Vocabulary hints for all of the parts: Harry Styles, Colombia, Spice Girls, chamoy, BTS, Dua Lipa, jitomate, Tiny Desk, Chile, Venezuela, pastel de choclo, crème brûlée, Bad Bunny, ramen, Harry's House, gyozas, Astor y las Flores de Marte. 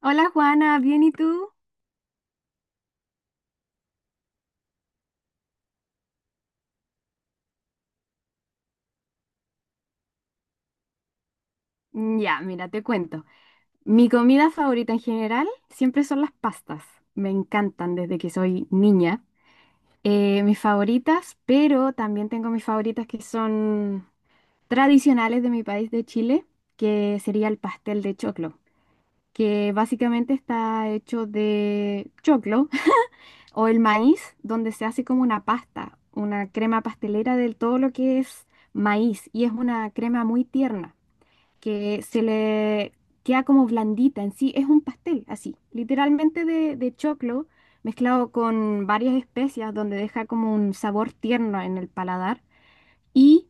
Hola Juana, ¿bien y tú? Ya, mira, te cuento. Mi comida favorita en general siempre son las pastas. Me encantan desde que soy niña. Mis favoritas, pero también tengo mis favoritas que son tradicionales de mi país de Chile, que sería el pastel de choclo, que básicamente está hecho de choclo o el maíz, donde se hace como una pasta, una crema pastelera de todo lo que es maíz y es una crema muy tierna, que se le queda como blandita en sí, es un pastel así, literalmente de choclo mezclado con varias especias donde deja como un sabor tierno en el paladar y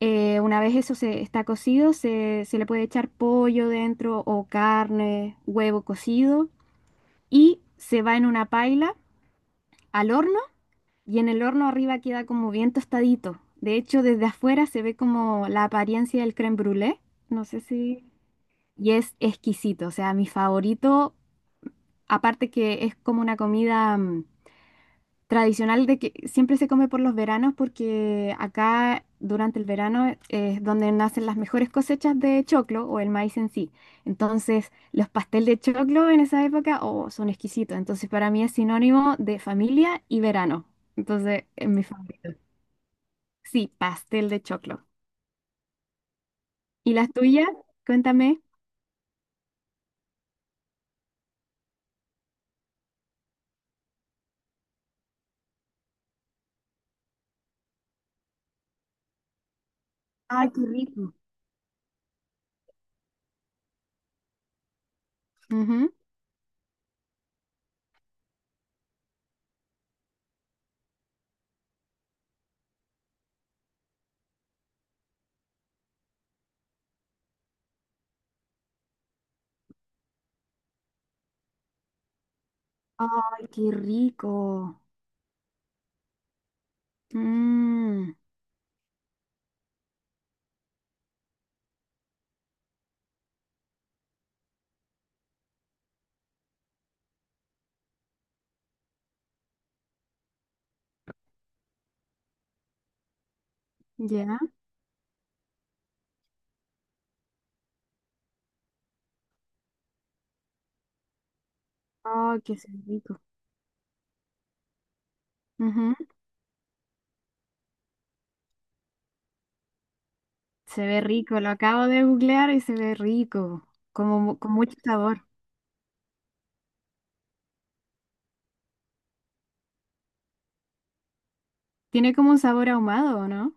una vez eso se está cocido, se le puede echar pollo dentro o carne, huevo cocido y se va en una paila al horno, y en el horno arriba queda como bien tostadito. De hecho, desde afuera se ve como la apariencia del crème brûlée. No sé si. Y es exquisito, o sea, mi favorito, aparte que es como una comida tradicional de que siempre se come por los veranos porque acá durante el verano es donde nacen las mejores cosechas de choclo o el maíz en sí. Entonces, los pastel de choclo en esa época, oh, son exquisitos. Entonces, para mí es sinónimo de familia y verano. Entonces, es mi favorito. Sí, pastel de choclo. ¿Y las tuyas? Cuéntame. Ay, qué rico. Ujú. Ay, qué rico. Mm, ya. Oh, que se ve rico. Ujú. Se ve rico, lo acabo de googlear y se ve rico, como con mucho sabor. Tiene como un sabor ahumado, ¿no?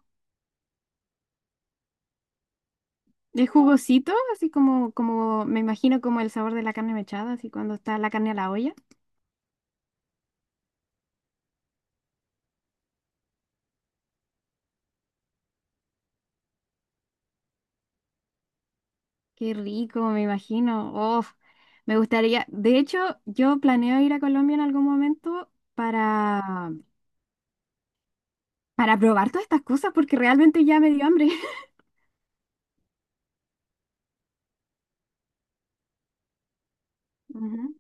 Es jugosito, así como, me imagino como el sabor de la carne mechada, así cuando está la carne a la olla. Qué rico, me imagino. Oh, me gustaría. De hecho, yo planeo ir a Colombia en algún momento para probar todas estas cosas porque realmente ya me dio hambre. Ujú.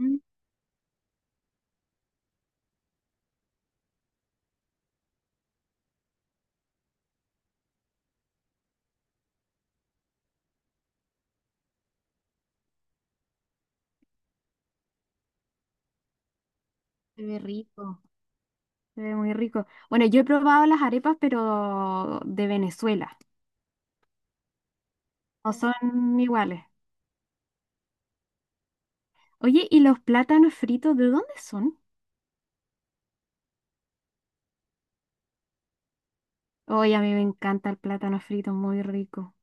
Mm, Se ve rico. Se ve muy rico. Bueno, yo he probado las arepas, pero de Venezuela. No son iguales. Oye, ¿y los plátanos fritos de dónde son? Oye, a mí me encanta el plátano frito, muy rico.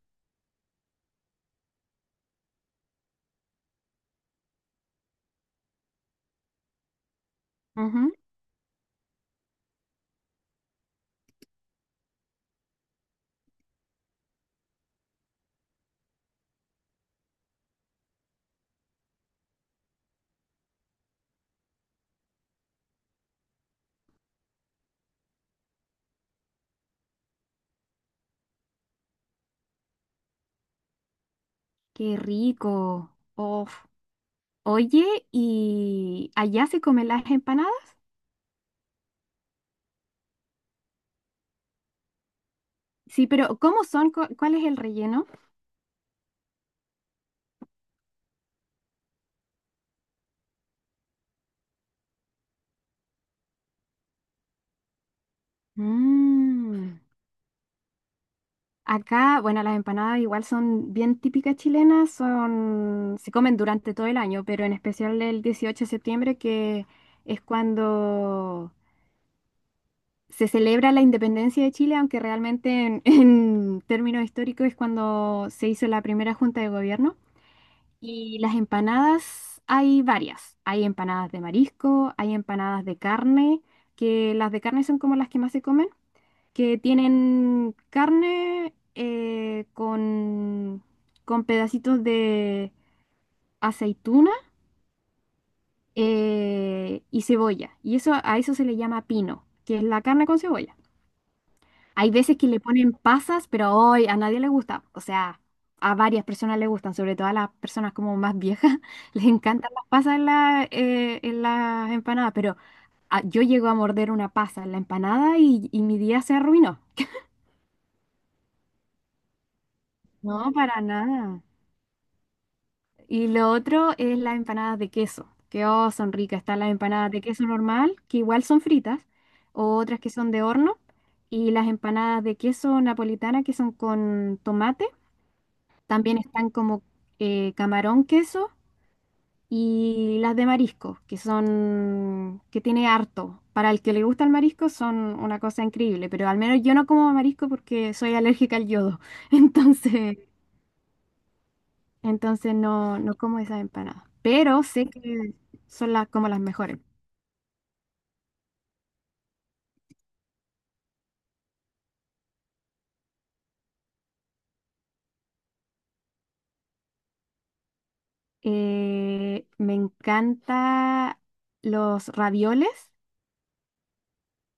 Ujú. Qué rico. Uf. Oye, ¿y allá se comen las empanadas? Sí, pero ¿cómo son? ¿Cuál es el relleno? Mmm. Acá, bueno, las empanadas igual son bien típicas chilenas, se comen durante todo el año, pero en especial el 18 de septiembre, que es cuando se celebra la independencia de Chile, aunque realmente en términos históricos es cuando se hizo la primera junta de gobierno. Y las empanadas hay varias. Hay empanadas de marisco, hay empanadas de carne, que las de carne son como las que más se comen, que tienen carne, con pedacitos de aceituna, y cebolla. Y eso a eso se le llama pino, que es la carne con cebolla. Hay veces que le ponen pasas, pero hoy a nadie le gusta. O sea, a varias personas le gustan, sobre todo a las personas como más viejas, les encantan las pasas en las empanadas, pero yo llego a morder una pasa en la empanada y mi día se arruinó. No, para nada. Y lo otro es las empanadas de queso, que, oh, son ricas. Están las empanadas de queso normal, que igual son fritas, o otras que son de horno, y las empanadas de queso napolitana, que son con tomate. También están como camarón queso, y las de marisco, que tiene harto. Para el que le gusta el marisco son una cosa increíble, pero al menos yo no como marisco porque soy alérgica al yodo. Entonces, Entonces, no, no como esas empanadas. Pero sé que son como las mejores. Me encanta los ravioles,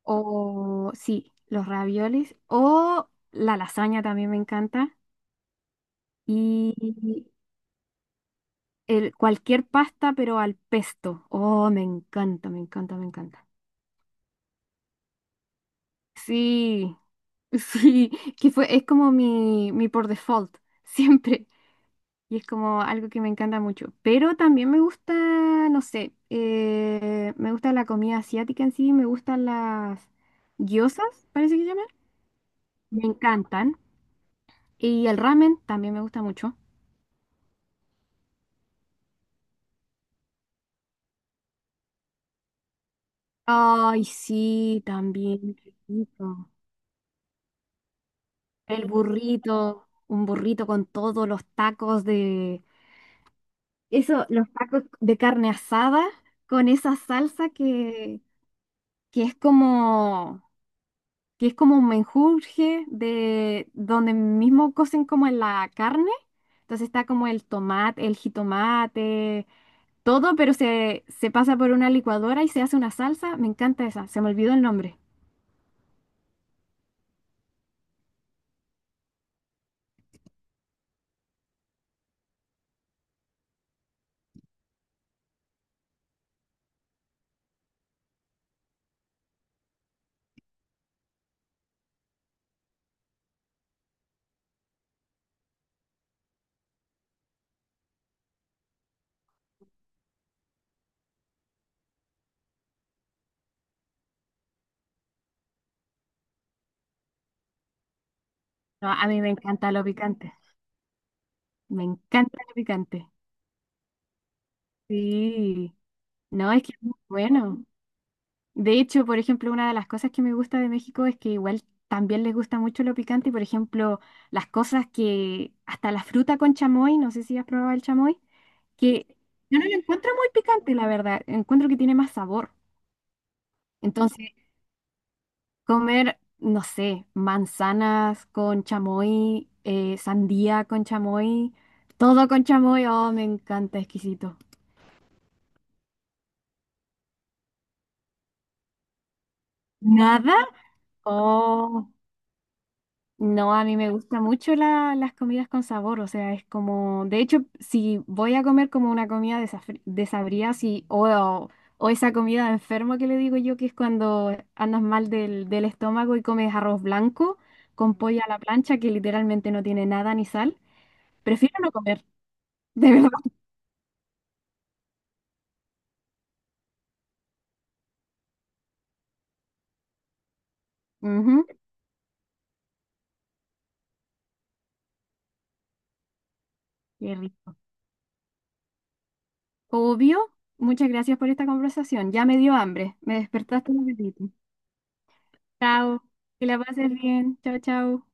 o sí, los ravioles o la lasaña también me encanta, y cualquier pasta, pero al pesto. Oh, me encanta, me encanta, me encanta. Sí, sí, que fue es como mi por default siempre. Y es como algo que me encanta mucho. Pero también me gusta, no sé, me gusta la comida asiática en sí, me gustan las gyozas, parece que se llaman. Me encantan. Y el ramen también me gusta mucho. Ay, sí, también. Qué rico. El burrito, un burrito con todos los tacos de... Eso, los tacos de carne asada con esa salsa que es como... que es como un menjurje de donde mismo cocen como en la carne. Entonces está como el tomate, el jitomate, todo, pero se pasa por una licuadora y se hace una salsa. Me encanta esa, se me olvidó el nombre. No, a mí me encanta lo picante, me encanta lo picante. Sí, no, es que es muy bueno. De hecho, por ejemplo, una de las cosas que me gusta de México es que igual también les gusta mucho lo picante y, por ejemplo, las cosas que, hasta la fruta con chamoy, no sé si has probado el chamoy. Que yo no lo encuentro muy picante, la verdad. Encuentro que tiene más sabor. Entonces, comer, no sé, manzanas con chamoy, sandía con chamoy, todo con chamoy, oh, me encanta, exquisito. ¿Nada? Oh. No, a mí me gusta mucho las comidas con sabor, o sea, es como, de hecho, si voy a comer como una comida desabrida, si, o esa comida de enfermo que le digo yo, que es cuando andas mal del estómago y comes arroz blanco con pollo a la plancha, que literalmente no tiene nada ni sal, prefiero no comer, de verdad. Ujú, qué rico. Obvio, muchas gracias por esta conversación, ya me dio hambre, me despertaste un apetito. Chao, que la pases bien, chao, chao.